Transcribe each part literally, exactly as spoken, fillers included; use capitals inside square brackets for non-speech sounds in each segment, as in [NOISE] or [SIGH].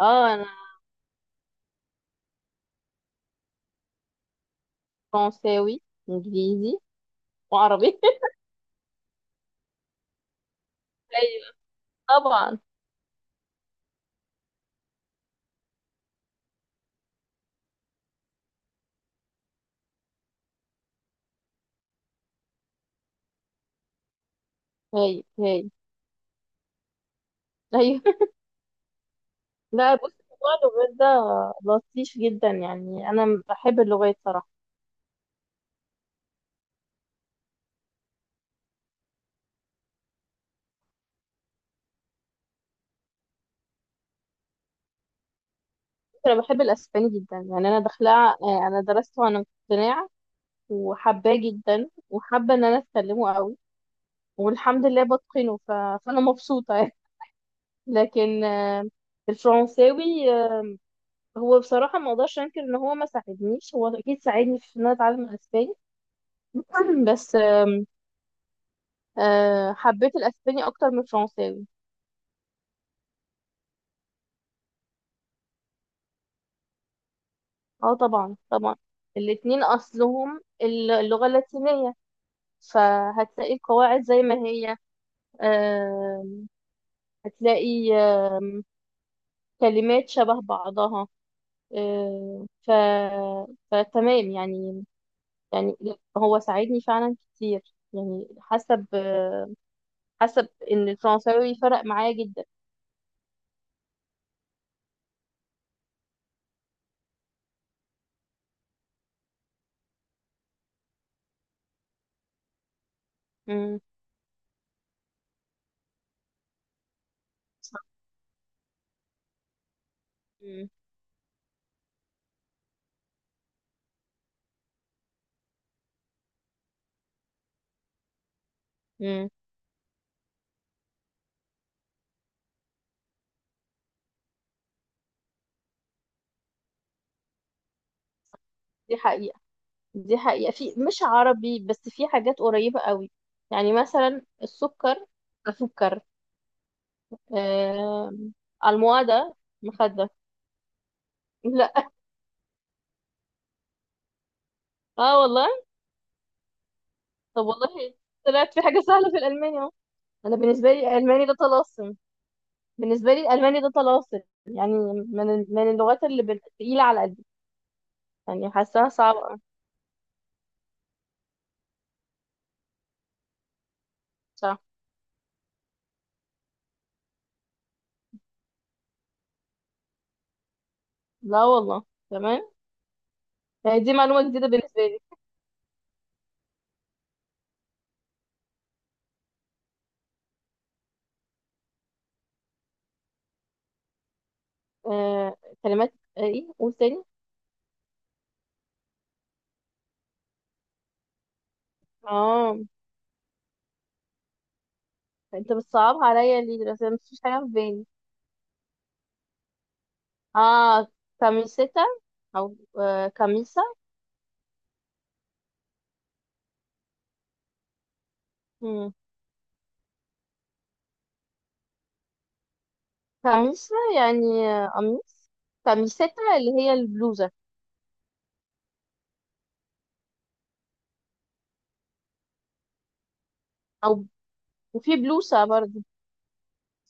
اه انا فرنساوي انجليزي وعربي [LAUGHS] ايوه طبعا هاي هاي ايوه [LAUGHS] لا بص، موضوع اللغات ده لطيف جدا. يعني انا بحب اللغات صراحه. انا بحب الاسباني جدا، يعني انا داخله آه، انا درسته وانا مقتنعه وحباه جدا وحابه ان انا اتكلمه قوي، والحمد لله بتقنه. ف... فانا مبسوطه يعني. لكن آه، الفرنساوي، آه، هو بصراحه ما اقدرش انكر ان هو ما ساعدنيش، هو اكيد ساعدني في ان انا اتعلم الاسباني. [CLEARS THROAT] بس أه، حبيت الاسباني اكتر من الفرنساوي. اه طبعا طبعا. الاتنين اصلهم الل- اللغة اللاتينية، فهتلاقي القواعد زي ما هي. أه هتلاقي آم، كلمات شبه بعضها. أه ف فتمام يعني. يعني هو ساعدني فعلا كتير، يعني حسب حسب ان الفرنساوي فرق معايا جدا. امم صح. امم أمم. دي حقيقة. دي حقيقة في مش عربي بس في حاجات قريبة قوي. يعني مثلا السكر، السكر، آه. الموادة، مخدة، لا. اه والله. طب والله طلعت في حاجة سهلة في الألماني اهو. أنا بالنسبة لي الألماني ده طلاسم، بالنسبة لي الألماني ده طلاسم. يعني من من اللغات اللي بال- تقيلة على قلبي. يعني حاساها صعبة. صح. لا والله، تمام. آه، دي معلومة جديدة بالنسبة لي. آه كلمات، آه، ايه قول تاني. اه انت بتصعبها عليا ليه دلوقتي؟ أنا مفيش حاجه في بالي. اه كاميسيتا، او آه كاميسا. مم. كاميسا يعني آه، قميص. كاميسيتا اللي هي البلوزه. او، وفي بلوسه برضو.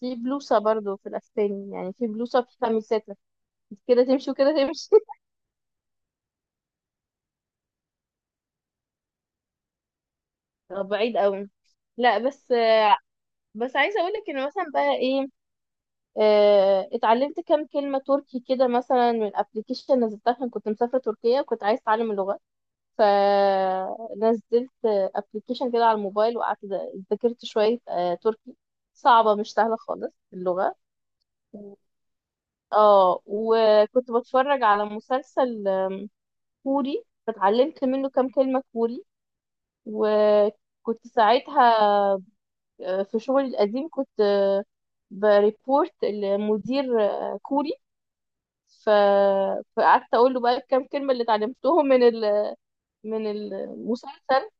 في بلوسه برضو في الاسباني، يعني في بلوسه في كاميسيتا، كده تمشي وكده تمشي. [LAUGHS] طب بعيد قوي. لا بس آه، بس عايزه اقول لك ان مثلا بقى ايه، آه، اتعلمت كام كلمه تركي كده مثلا من الابلكيشن، نزلتها عشان كنت مسافره تركيا وكنت عايزه اتعلم اللغه. فنزلت ابلكيشن كده على الموبايل وقعدت ذاكرت شوية آه، تركي. صعبة مش سهلة خالص اللغة. اه وكنت بتفرج على مسلسل آم، كوري فتعلمت منه كام كلمة كوري. وكنت ساعتها آه، في شغلي القديم كنت آه، بريبورت لمدير آه، كوري. ف... فقعدت اقول له بقى الكام كلمة اللي اتعلمتهم من ال... من المسلسل.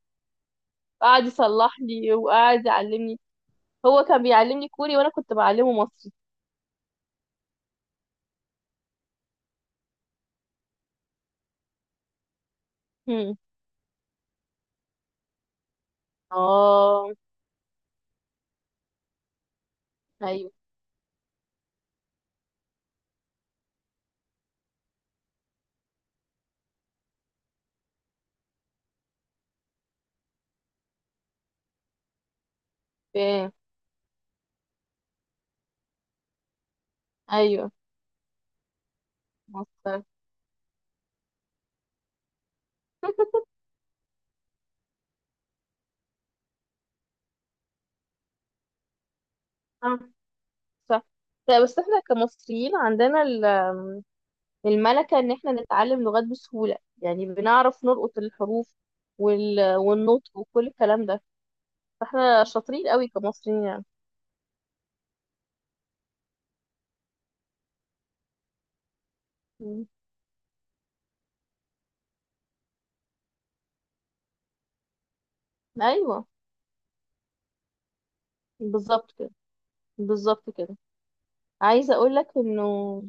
قعد يصلح لي وقعد يعلمني. هو كان بيعلمني كوري وانا كنت بعلمه مصري. هم. اه، ايوه فاهم، ايوه مصر. [LAUGHS] آه، صح. لا بس احنا كمصريين عندنا ال- الملكة ان احنا نتعلم لغات بسهولة. يعني بنعرف نلقط الحروف وال... والنطق وكل الكلام ده. فاحنا شاطرين قوي كمصريين يعني. مم. ايوه بالظبط كده، بالظبط كده. عايزة اقول لك انه،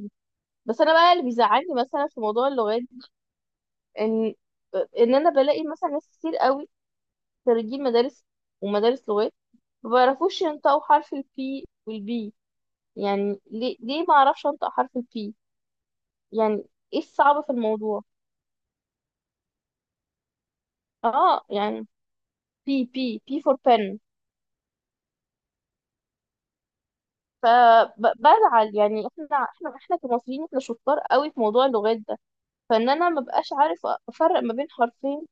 بس انا بقى اللي بيزعلني مثلا في موضوع اللغات ان، ان انا بلاقي مثلا ناس كتير قوي، خريجين مدارس ومدارس لغات، ما بيعرفوش ينطقوا حرف البي والبي. يعني ليه، ليه ما اعرفش انطق حرف البي؟ يعني ايه الصعب في الموضوع؟ اه يعني بي، بي، بي فور بن. فبزعل يعني. احنا، احنا، احنا كمصريين احنا شطار قوي في موضوع اللغات ده، فان انا ما بقاش عارف افرق ما بين حرفين،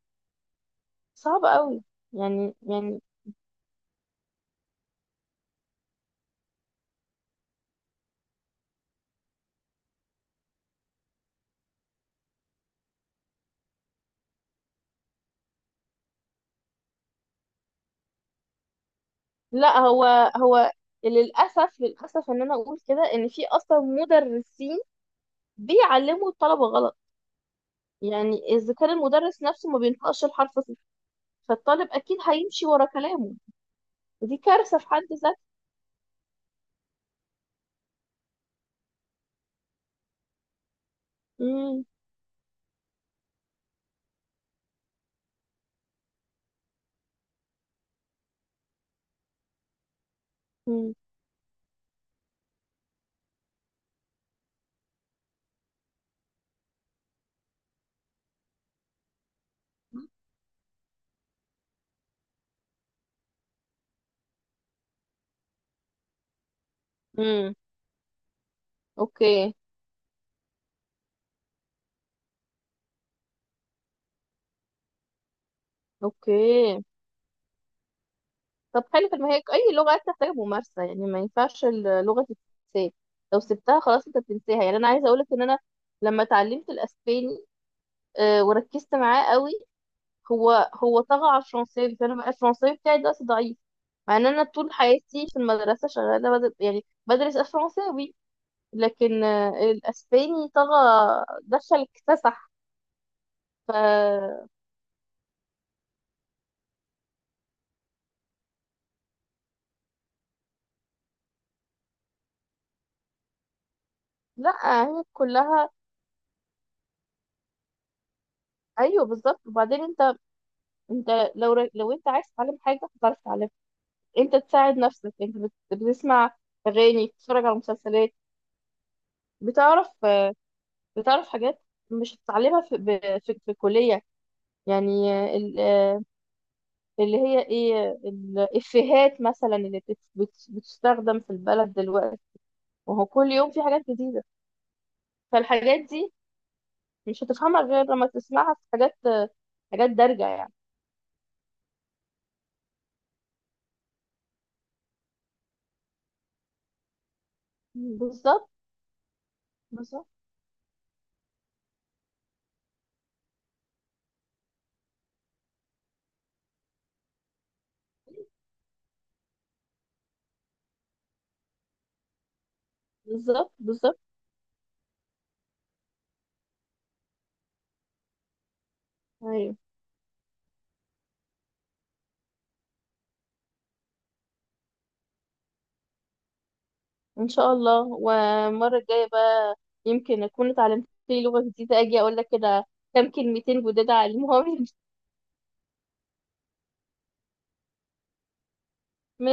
صعب قوي. يعني يعني لا. هو هو للأسف، للأسف إن أنا أقول كده إن في أصلا مدرسين بيعلموا الطلبة غلط. يعني إذا كان المدرس نفسه ما بينطقش الحرف صح، فالطالب أكيد هيمشي ورا كلامه. ودي كارثة في حد ذاتها. مم، مم، مم. أوكي، أوكي. طب حلو، طب ما هي أي لغة بتحتاج ممارسة. يعني ما ينفعش اللغة تتنسى، لو سبتها خلاص أنت بتنساها. يعني أنا عايزة أقولك إن أنا لما اتعلمت الأسباني آه، وركزت معاه قوي، هو هو طغى على الفرنساوي. فانا بقى الفرنساوي بتاعي دلوقتي ضعيف، مع ان انا طول حياتي في المدرسه شغاله بدل، يعني بدرس الفرنساوي. لكن آه، الاسباني طغى، دخل اكتسح. ف لا، هي كلها ايوه بالظبط. وبعدين انت، انت لو ر- لو انت عايز تتعلم حاجه هتعرف تتعلمها. انت تساعد نفسك، انت بت- بتسمع اغاني، بتتفرج على مسلسلات، بتعرف آه، بتعرف حاجات مش هتتعلمها في ب- في, في الكليه. يعني آه، ال- اللي هي ايه الافيهات مثلا اللي بت- بت- بتستخدم في البلد دلوقتي. وهو كل يوم في حاجات جديدة. فالحاجات دي مش هتفهمها غير لما تسمعها في حاجات، حاجات دارجة يعني. بالظبط، بالظبط. بالظبط، بالظبط. ايوه ان شاء الله. والمرة الجاية بقى يمكن اكون اتعلمت لي لغة جديدة، اجي اقول لك كده كام كلمتين جداد اعلمهم. [LAUGHS]